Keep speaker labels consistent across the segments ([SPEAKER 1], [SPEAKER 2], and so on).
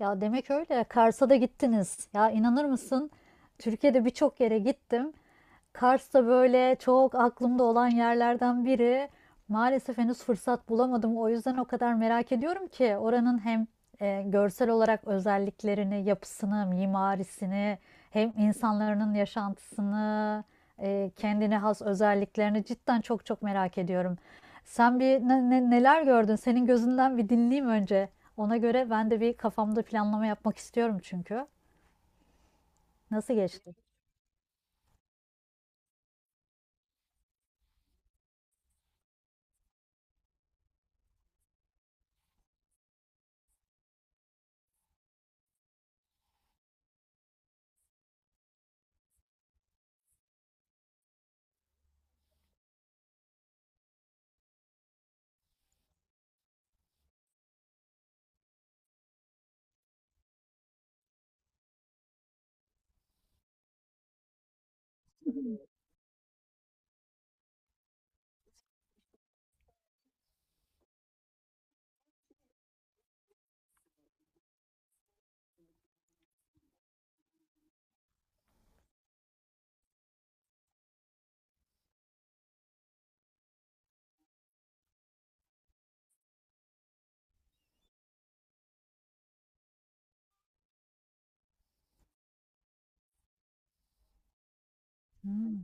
[SPEAKER 1] Ya demek öyle. Kars'a da gittiniz. Ya inanır mısın? Türkiye'de birçok yere gittim. Kars da böyle çok aklımda olan yerlerden biri. Maalesef henüz fırsat bulamadım. O yüzden o kadar merak ediyorum ki oranın hem görsel olarak özelliklerini, yapısını, mimarisini, hem insanların yaşantısını, kendine has özelliklerini cidden çok çok merak ediyorum. Sen bir neler gördün? Senin gözünden bir dinleyeyim önce. Ona göre ben de bir kafamda planlama yapmak istiyorum çünkü. Nasıl geçti? Hmm.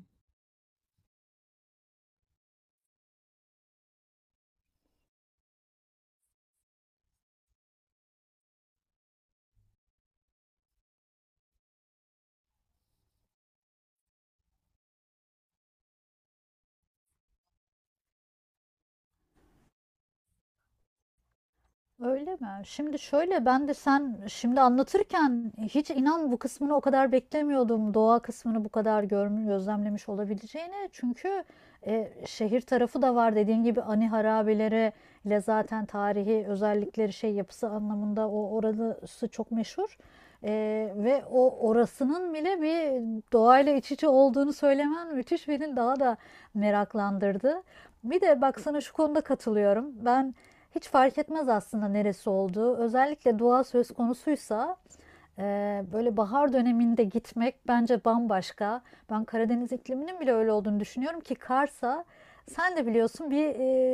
[SPEAKER 1] Öyle mi? Şimdi şöyle ben de sen şimdi anlatırken hiç inan bu kısmını o kadar beklemiyordum. Doğa kısmını bu kadar görmüş, gözlemlemiş olabileceğini. Çünkü şehir tarafı da var dediğin gibi ani harabeleri ile zaten tarihi özellikleri şey yapısı anlamında o orası çok meşhur. E, ve o orasının bile bir doğayla iç içe olduğunu söylemen müthiş beni daha da meraklandırdı. Bir de bak sana şu konuda katılıyorum. Ben hiç fark etmez aslında neresi olduğu. Özellikle dua söz konusuysa böyle bahar döneminde gitmek bence bambaşka. Ben Karadeniz ikliminin bile öyle olduğunu düşünüyorum ki Kars'a sen de biliyorsun bir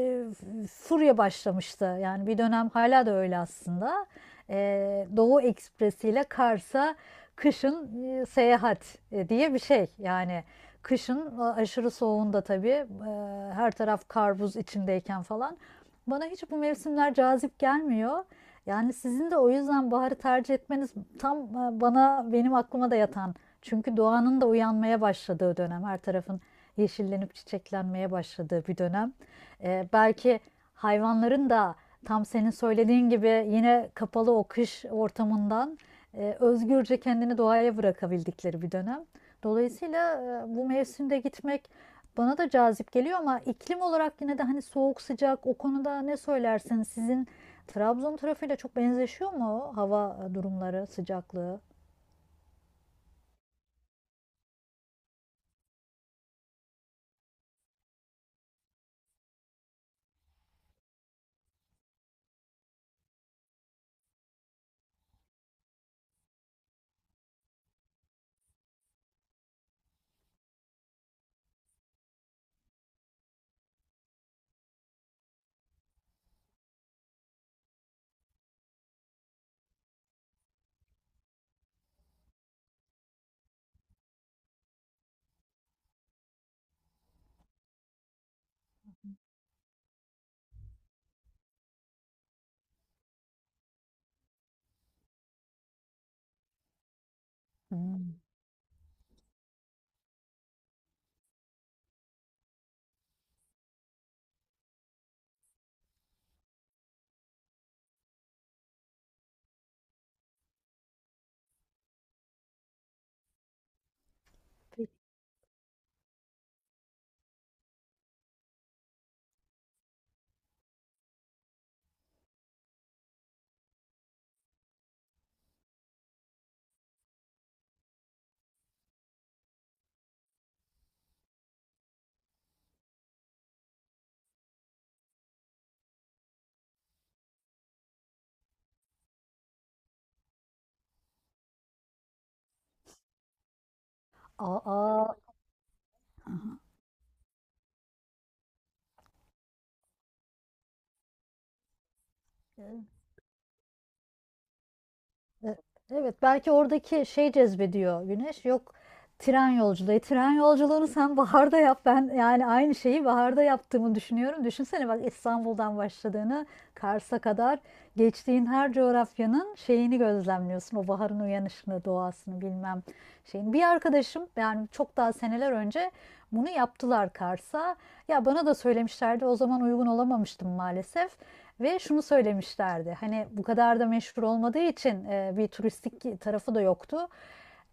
[SPEAKER 1] furya başlamıştı. Yani bir dönem hala da öyle aslında. Doğu Ekspresi ile Kars'a kışın seyahat diye bir şey. Yani kışın aşırı soğuğunda tabii her taraf kar buz içindeyken falan. Bana hiç bu mevsimler cazip gelmiyor. Yani sizin de o yüzden baharı tercih etmeniz tam bana benim aklıma da yatan. Çünkü doğanın da uyanmaya başladığı dönem her tarafın yeşillenip çiçeklenmeye başladığı bir dönem. Belki hayvanların da tam senin söylediğin gibi yine kapalı o kış ortamından özgürce kendini doğaya bırakabildikleri bir dönem. Dolayısıyla bu mevsimde gitmek bana da cazip geliyor ama iklim olarak yine de hani soğuk sıcak o konuda ne söylersin? Sizin Trabzon tarafıyla çok benzeşiyor mu hava durumları, sıcaklığı? Hmm. Aa. E- Evet, belki oradaki şey cezbediyor Güneş. Yok, tren yolculuğu. E, tren yolculuğunu sen baharda yap. Ben yani aynı şeyi baharda yaptığımı düşünüyorum. Düşünsene bak, İstanbul'dan başladığını Kars'a kadar geçtiğin her coğrafyanın şeyini gözlemliyorsun. O baharın uyanışını, doğasını bilmem şeyini. Bir arkadaşım yani çok daha seneler önce bunu yaptılar Kars'a. Ya bana da söylemişlerdi. O zaman uygun olamamıştım maalesef. Ve şunu söylemişlerdi. Hani bu kadar da meşhur olmadığı için bir turistik tarafı da yoktu.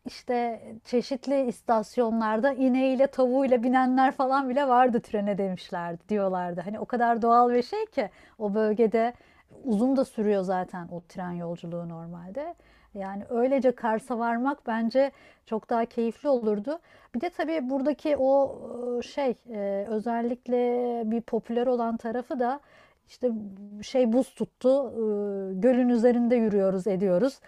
[SPEAKER 1] İşte çeşitli istasyonlarda ineğiyle tavuğuyla binenler falan bile vardı trene demişlerdi diyorlardı. Hani o kadar doğal bir şey ki o bölgede uzun da sürüyor zaten o tren yolculuğu normalde. Yani öylece Kars'a varmak bence çok daha keyifli olurdu. Bir de tabii buradaki o şey özellikle bir popüler olan tarafı da işte şey buz tuttu. Gölün üzerinde yürüyoruz, ediyoruz.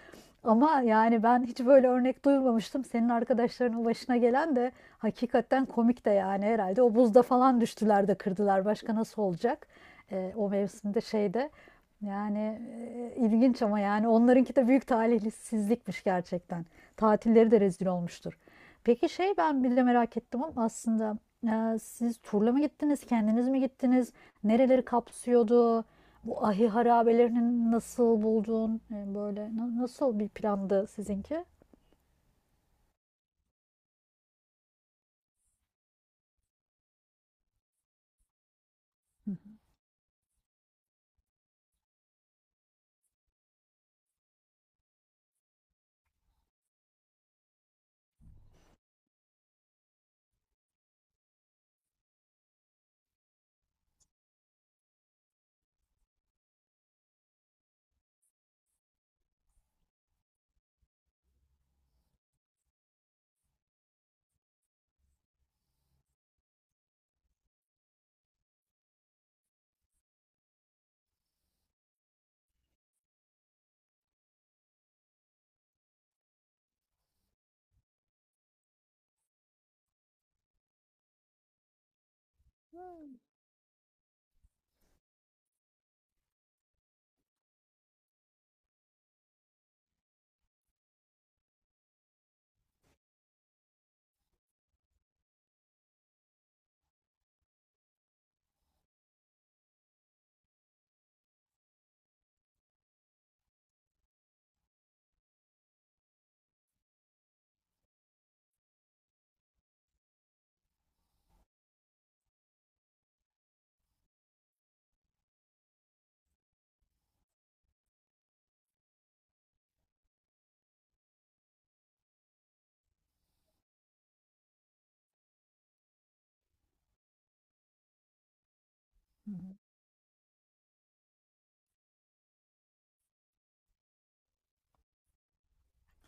[SPEAKER 1] Ama yani ben hiç böyle örnek duymamıştım. Senin arkadaşlarının başına gelen de hakikaten komik de yani herhalde. O buzda falan düştüler de kırdılar. Başka nasıl olacak? O mevsimde şeyde. Yani ilginç ama yani onlarınki de büyük talihsizlikmiş gerçekten. Tatilleri de rezil olmuştur. Peki şey ben bir de merak ettim ama aslında siz turla mı gittiniz, kendiniz mi gittiniz? Nereleri kapsıyordu? Bu ahi harabelerini nasıl buldun? Böyle nasıl bir plandı sizinki?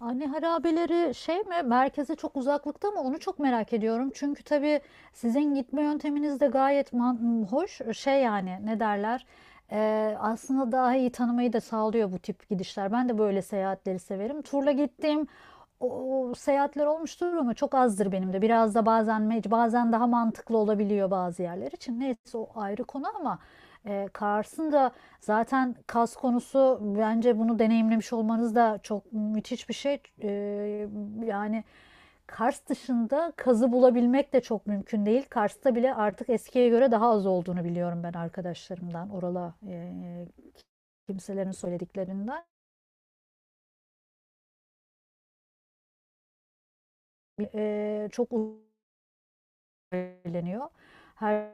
[SPEAKER 1] Anne harabeleri şey mi? Merkeze çok uzaklıkta mı? Onu çok merak ediyorum. Çünkü tabii sizin gitme yönteminiz de gayet hoş. E, şey yani ne derler? E, aslında daha iyi tanımayı da sağlıyor bu tip gidişler. Ben de böyle seyahatleri severim. Turla gittiğim o, seyahatler olmuştur ama çok azdır benim de. Biraz da bazen bazen daha mantıklı olabiliyor bazı yerler için. Neyse o ayrı konu ama Kars'ın da zaten Kaz konusu bence bunu deneyimlemiş olmanız da çok müthiş bir şey. E, yani Kars dışında Kaz'ı bulabilmek de çok mümkün değil. Kars'ta bile artık eskiye göre daha az olduğunu biliyorum ben arkadaşlarımdan, orala kimselerin söylediklerinden. E, çok eğleniyor. Her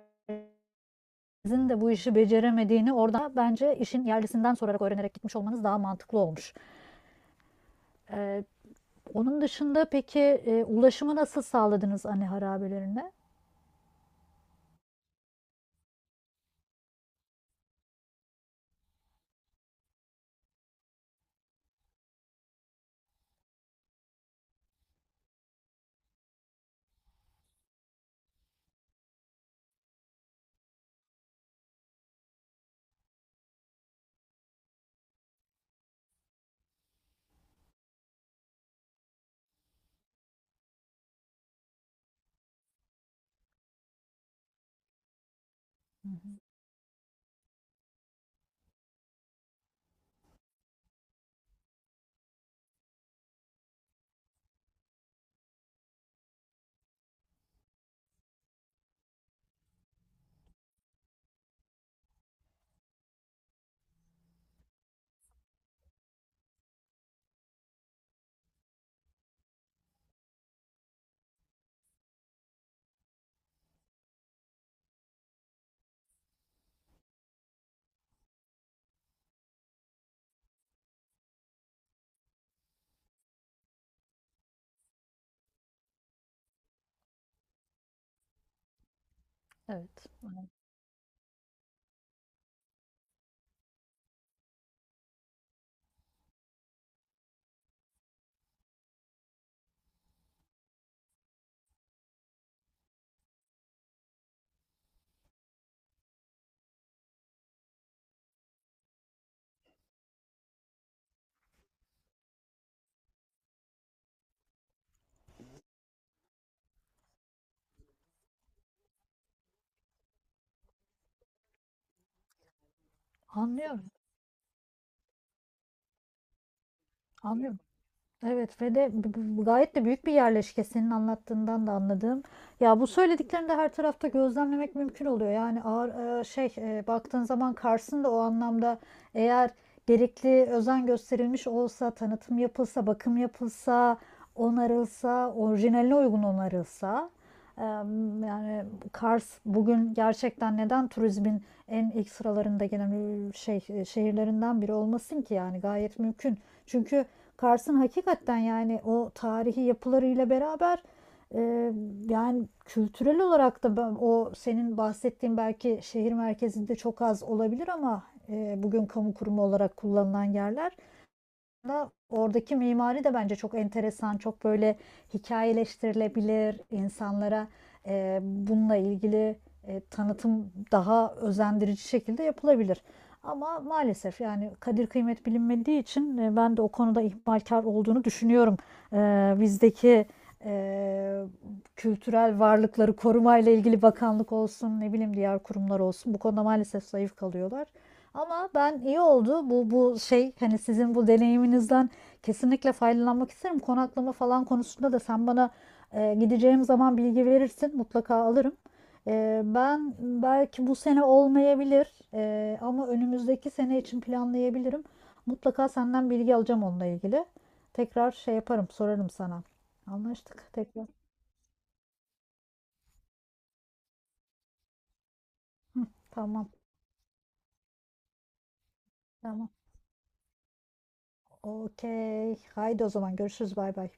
[SPEAKER 1] sizin de bu işi beceremediğini orada bence işin yerlisinden sorarak öğrenerek gitmiş olmanız daha mantıklı olmuş. Ee, onun dışında peki ulaşımı nasıl sağladınız anne harabelerine? Hı hı. Evet. Anlıyorum. Anlıyorum. Evet ve de gayet de büyük bir yerleşke senin anlattığından da anladığım. Ya bu söylediklerini de her tarafta gözlemlemek mümkün oluyor. Yani ağır şey baktığın zaman Kars'ın da o anlamda eğer gerekli özen gösterilmiş olsa, tanıtım yapılsa, bakım yapılsa, onarılsa, orijinaline uygun onarılsa e, yani Kars bugün gerçekten neden turizmin en ilk sıralarında gelen şey şehirlerinden biri olmasın ki yani gayet mümkün. Çünkü Kars'ın hakikaten yani o tarihi yapılarıyla beraber e, yani kültürel olarak da o senin bahsettiğin belki şehir merkezinde çok az olabilir ama bugün kamu kurumu olarak kullanılan yerler oradaki mimari de bence çok enteresan, çok böyle hikayeleştirilebilir insanlara bununla ilgili tanıtım daha özendirici şekilde yapılabilir. Ama maalesef yani kadir kıymet bilinmediği için ben de o konuda ihmalkar olduğunu düşünüyorum. Bizdeki e, kültürel varlıkları korumayla ilgili bakanlık olsun, ne bileyim diğer kurumlar olsun bu konuda maalesef zayıf kalıyorlar. Ama ben iyi oldu bu şey hani sizin bu deneyiminizden kesinlikle faydalanmak isterim. Konaklama falan konusunda da sen bana gideceğim zaman bilgi verirsin mutlaka alırım. E, ben belki bu sene olmayabilir ama önümüzdeki sene için planlayabilirim. Mutlaka senden bilgi alacağım onunla ilgili. Tekrar şey yaparım sorarım sana. Anlaştık tekrar. Tamam, tamam. Okey. Haydi o zaman görüşürüz, bay bay.